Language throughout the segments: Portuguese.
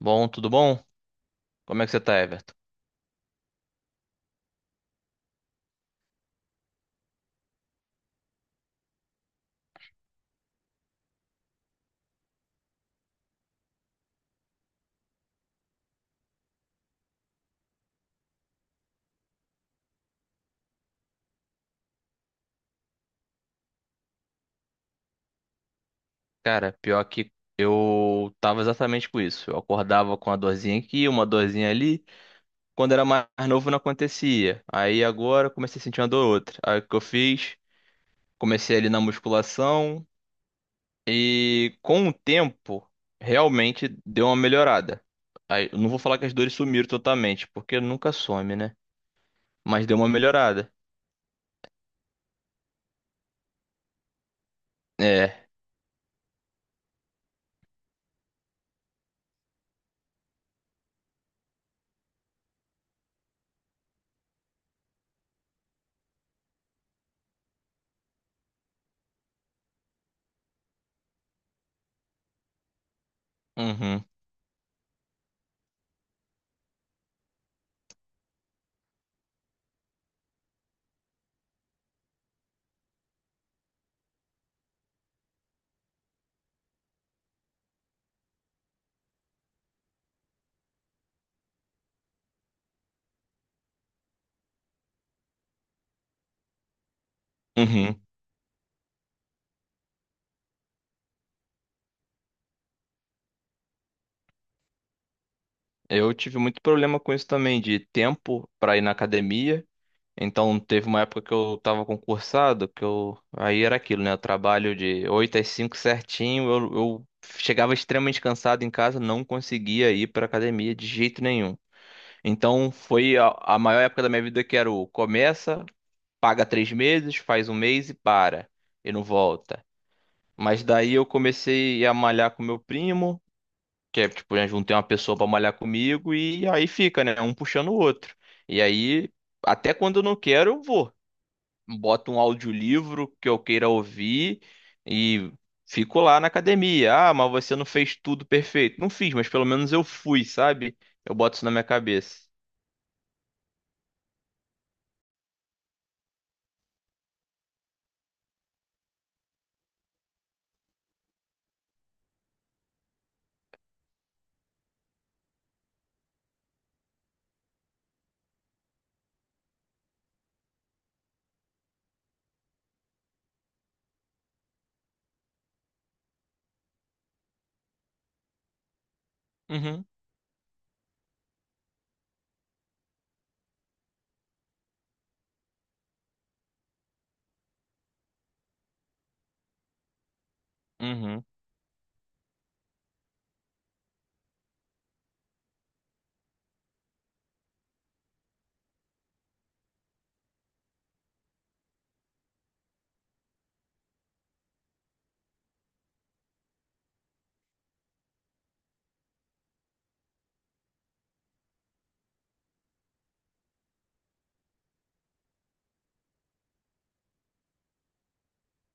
Bom, tudo bom? Como é que você tá, Everton? Cara, pior que eu tava exatamente com isso. Eu acordava com uma dorzinha aqui, uma dorzinha ali. Quando era mais novo não acontecia. Aí agora eu comecei a sentir uma dor ou outra. Aí o que eu fiz? Comecei ali na musculação e com o tempo realmente deu uma melhorada. Aí, eu não vou falar que as dores sumiram totalmente, porque nunca some, né? Mas deu uma melhorada. É. Uhum. Uhum. Eu tive muito problema com isso também, de tempo pra ir na academia. Então, teve uma época que eu tava concursado, que eu. Aí era aquilo, né? Eu trabalho de 8 às 5 certinho. Eu chegava extremamente cansado em casa, não conseguia ir pra academia de jeito nenhum. Então, foi a maior época da minha vida que era o começa, paga 3 meses, faz um mês e para, e não volta. Mas daí eu comecei a malhar com meu primo. Que é, tipo, eu juntei uma pessoa pra malhar comigo e aí fica, né? Um puxando o outro. E aí, até quando eu não quero, eu vou. Boto um audiolivro que eu queira ouvir e fico lá na academia. Ah, mas você não fez tudo perfeito. Não fiz, mas pelo menos eu fui, sabe? Eu boto isso na minha cabeça. Uhum, uhum,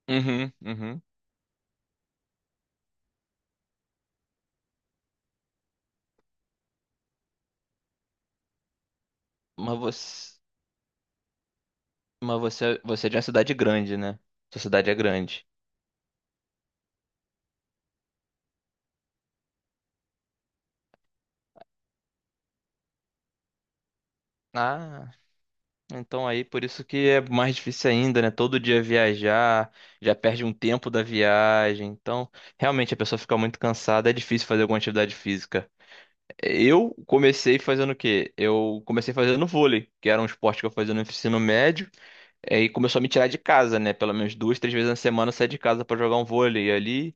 uhum, uhum. Mas você, mas você é de uma cidade grande, né? Sua cidade é grande. Ah. Então aí, por isso que é mais difícil ainda, né? Todo dia viajar, já perde um tempo da viagem. Então, realmente a pessoa fica muito cansada, é difícil fazer alguma atividade física. Eu comecei fazendo o quê? Eu comecei fazendo vôlei, que era um esporte que eu fazia no ensino médio. É, e aí começou a me tirar de casa, né? Pelo menos 2, 3 vezes na semana eu saía de casa pra jogar um vôlei ali.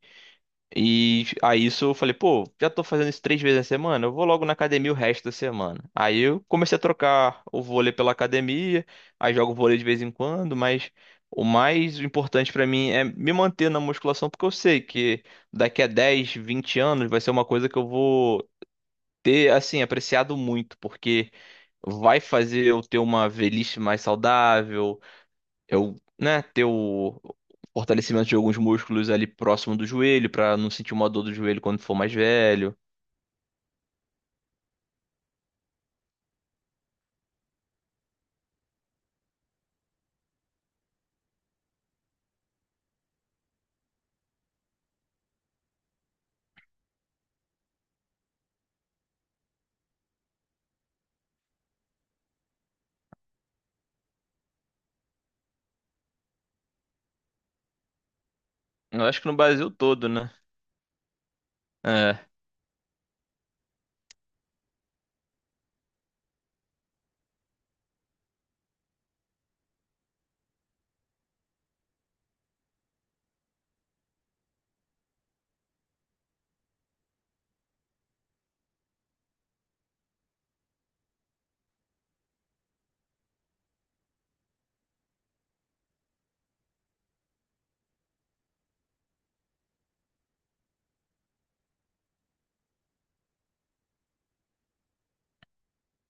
E aí isso eu falei, pô, já tô fazendo isso 3 vezes na semana, eu vou logo na academia o resto da semana. Aí eu comecei a trocar o vôlei pela academia, aí jogo vôlei de vez em quando, mas o mais importante pra mim é me manter na musculação, porque eu sei que daqui a 10, 20 anos vai ser uma coisa que eu vou ter, assim, apreciado muito, porque vai fazer eu ter uma velhice mais saudável, eu, né, ter o fortalecimento de alguns músculos ali próximo do joelho, pra não sentir uma dor do joelho quando for mais velho. Eu acho que no Brasil todo, né? É.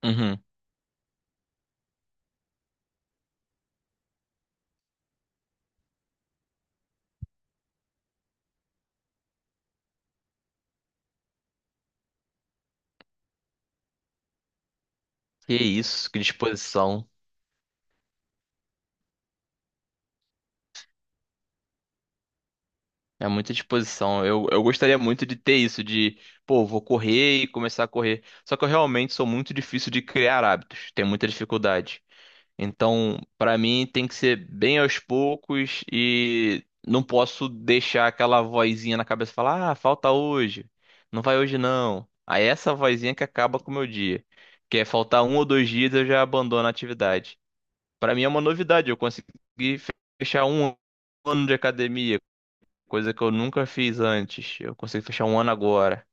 Uhum. Que isso, que disposição. É muita disposição. Eu gostaria muito de ter isso, de, pô, vou correr e começar a correr. Só que eu realmente sou muito difícil de criar hábitos. Tenho muita dificuldade. Então, pra mim tem que ser bem aos poucos e não posso deixar aquela vozinha na cabeça falar: "Ah, falta hoje. Não vai hoje não". Aí é essa vozinha que acaba com o meu dia. Que é faltar um ou dois dias eu já abandono a atividade. Pra mim é uma novidade, eu consegui fechar um ano de academia, coisa que eu nunca fiz antes. Eu consegui fechar um ano agora.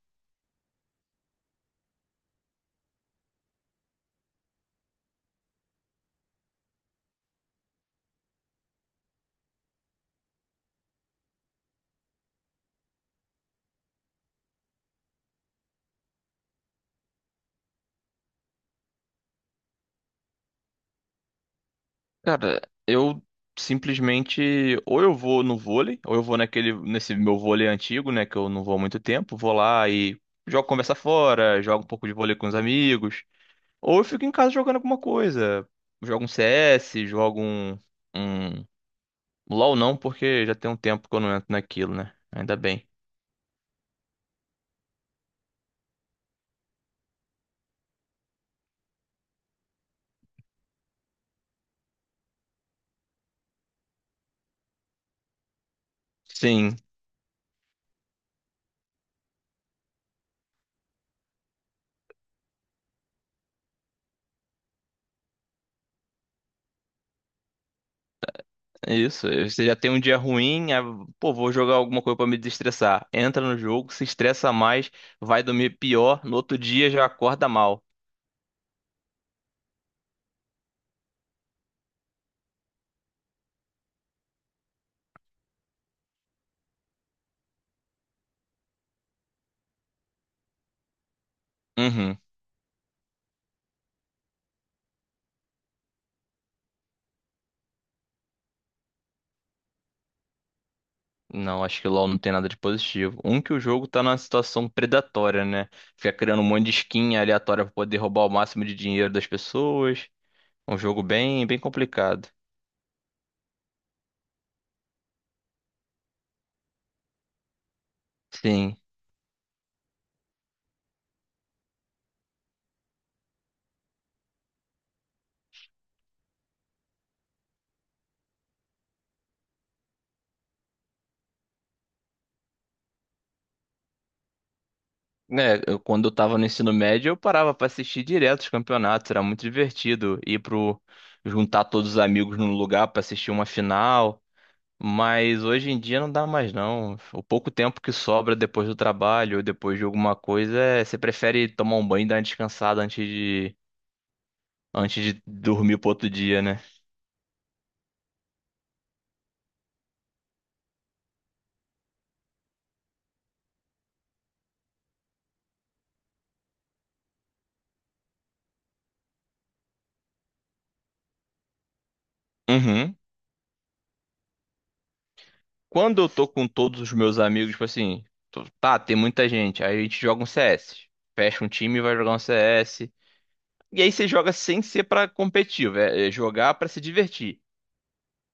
Cara, eu simplesmente ou eu vou no vôlei, ou eu vou naquele nesse meu vôlei antigo, né, que eu não vou há muito tempo, vou lá e jogo conversa fora, jogo um pouco de vôlei com os amigos, ou eu fico em casa jogando alguma coisa, jogo um CS, jogo um LoL não, porque já tem um tempo que eu não entro naquilo, né? Ainda bem. Sim, é isso. Você já tem um dia ruim, aí, pô, vou jogar alguma coisa pra me desestressar. Entra no jogo, se estressa mais, vai dormir pior, no outro dia já acorda mal. Uhum. Não, acho que o LoL não tem nada de positivo. Um que o jogo tá numa situação predatória, né? Fica criando um monte de skin aleatória pra poder roubar o máximo de dinheiro das pessoas. Um jogo bem, bem complicado. Sim. É, quando eu tava no ensino médio, eu parava pra assistir direto os campeonatos, era muito divertido ir pro juntar todos os amigos num lugar pra assistir uma final. Mas hoje em dia não dá mais não. O pouco tempo que sobra depois do trabalho ou depois de alguma coisa, você prefere tomar um banho e dar uma descansada antes de dormir pro outro dia, né? Uhum. Quando eu tô com todos os meus amigos, tipo assim, tem muita gente, aí a gente joga um CS. Fecha um time e vai jogar um CS. E aí você joga sem ser pra competitivo, é jogar pra se divertir.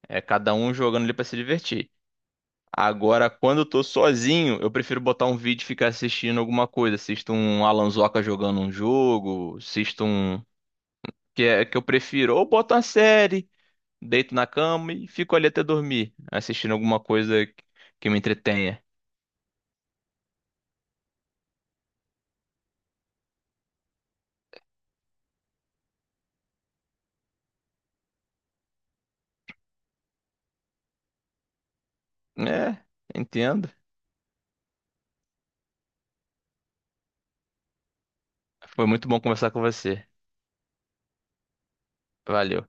É cada um jogando ali pra se divertir. Agora, quando eu tô sozinho, eu prefiro botar um vídeo e ficar assistindo alguma coisa. Assisto um Alan Zoca jogando um jogo, assisto um. Que é que eu prefiro. Ou boto uma série, deito na cama e fico ali até dormir, assistindo alguma coisa que me entretenha. É, entendo. Foi muito bom conversar com você. Valeu.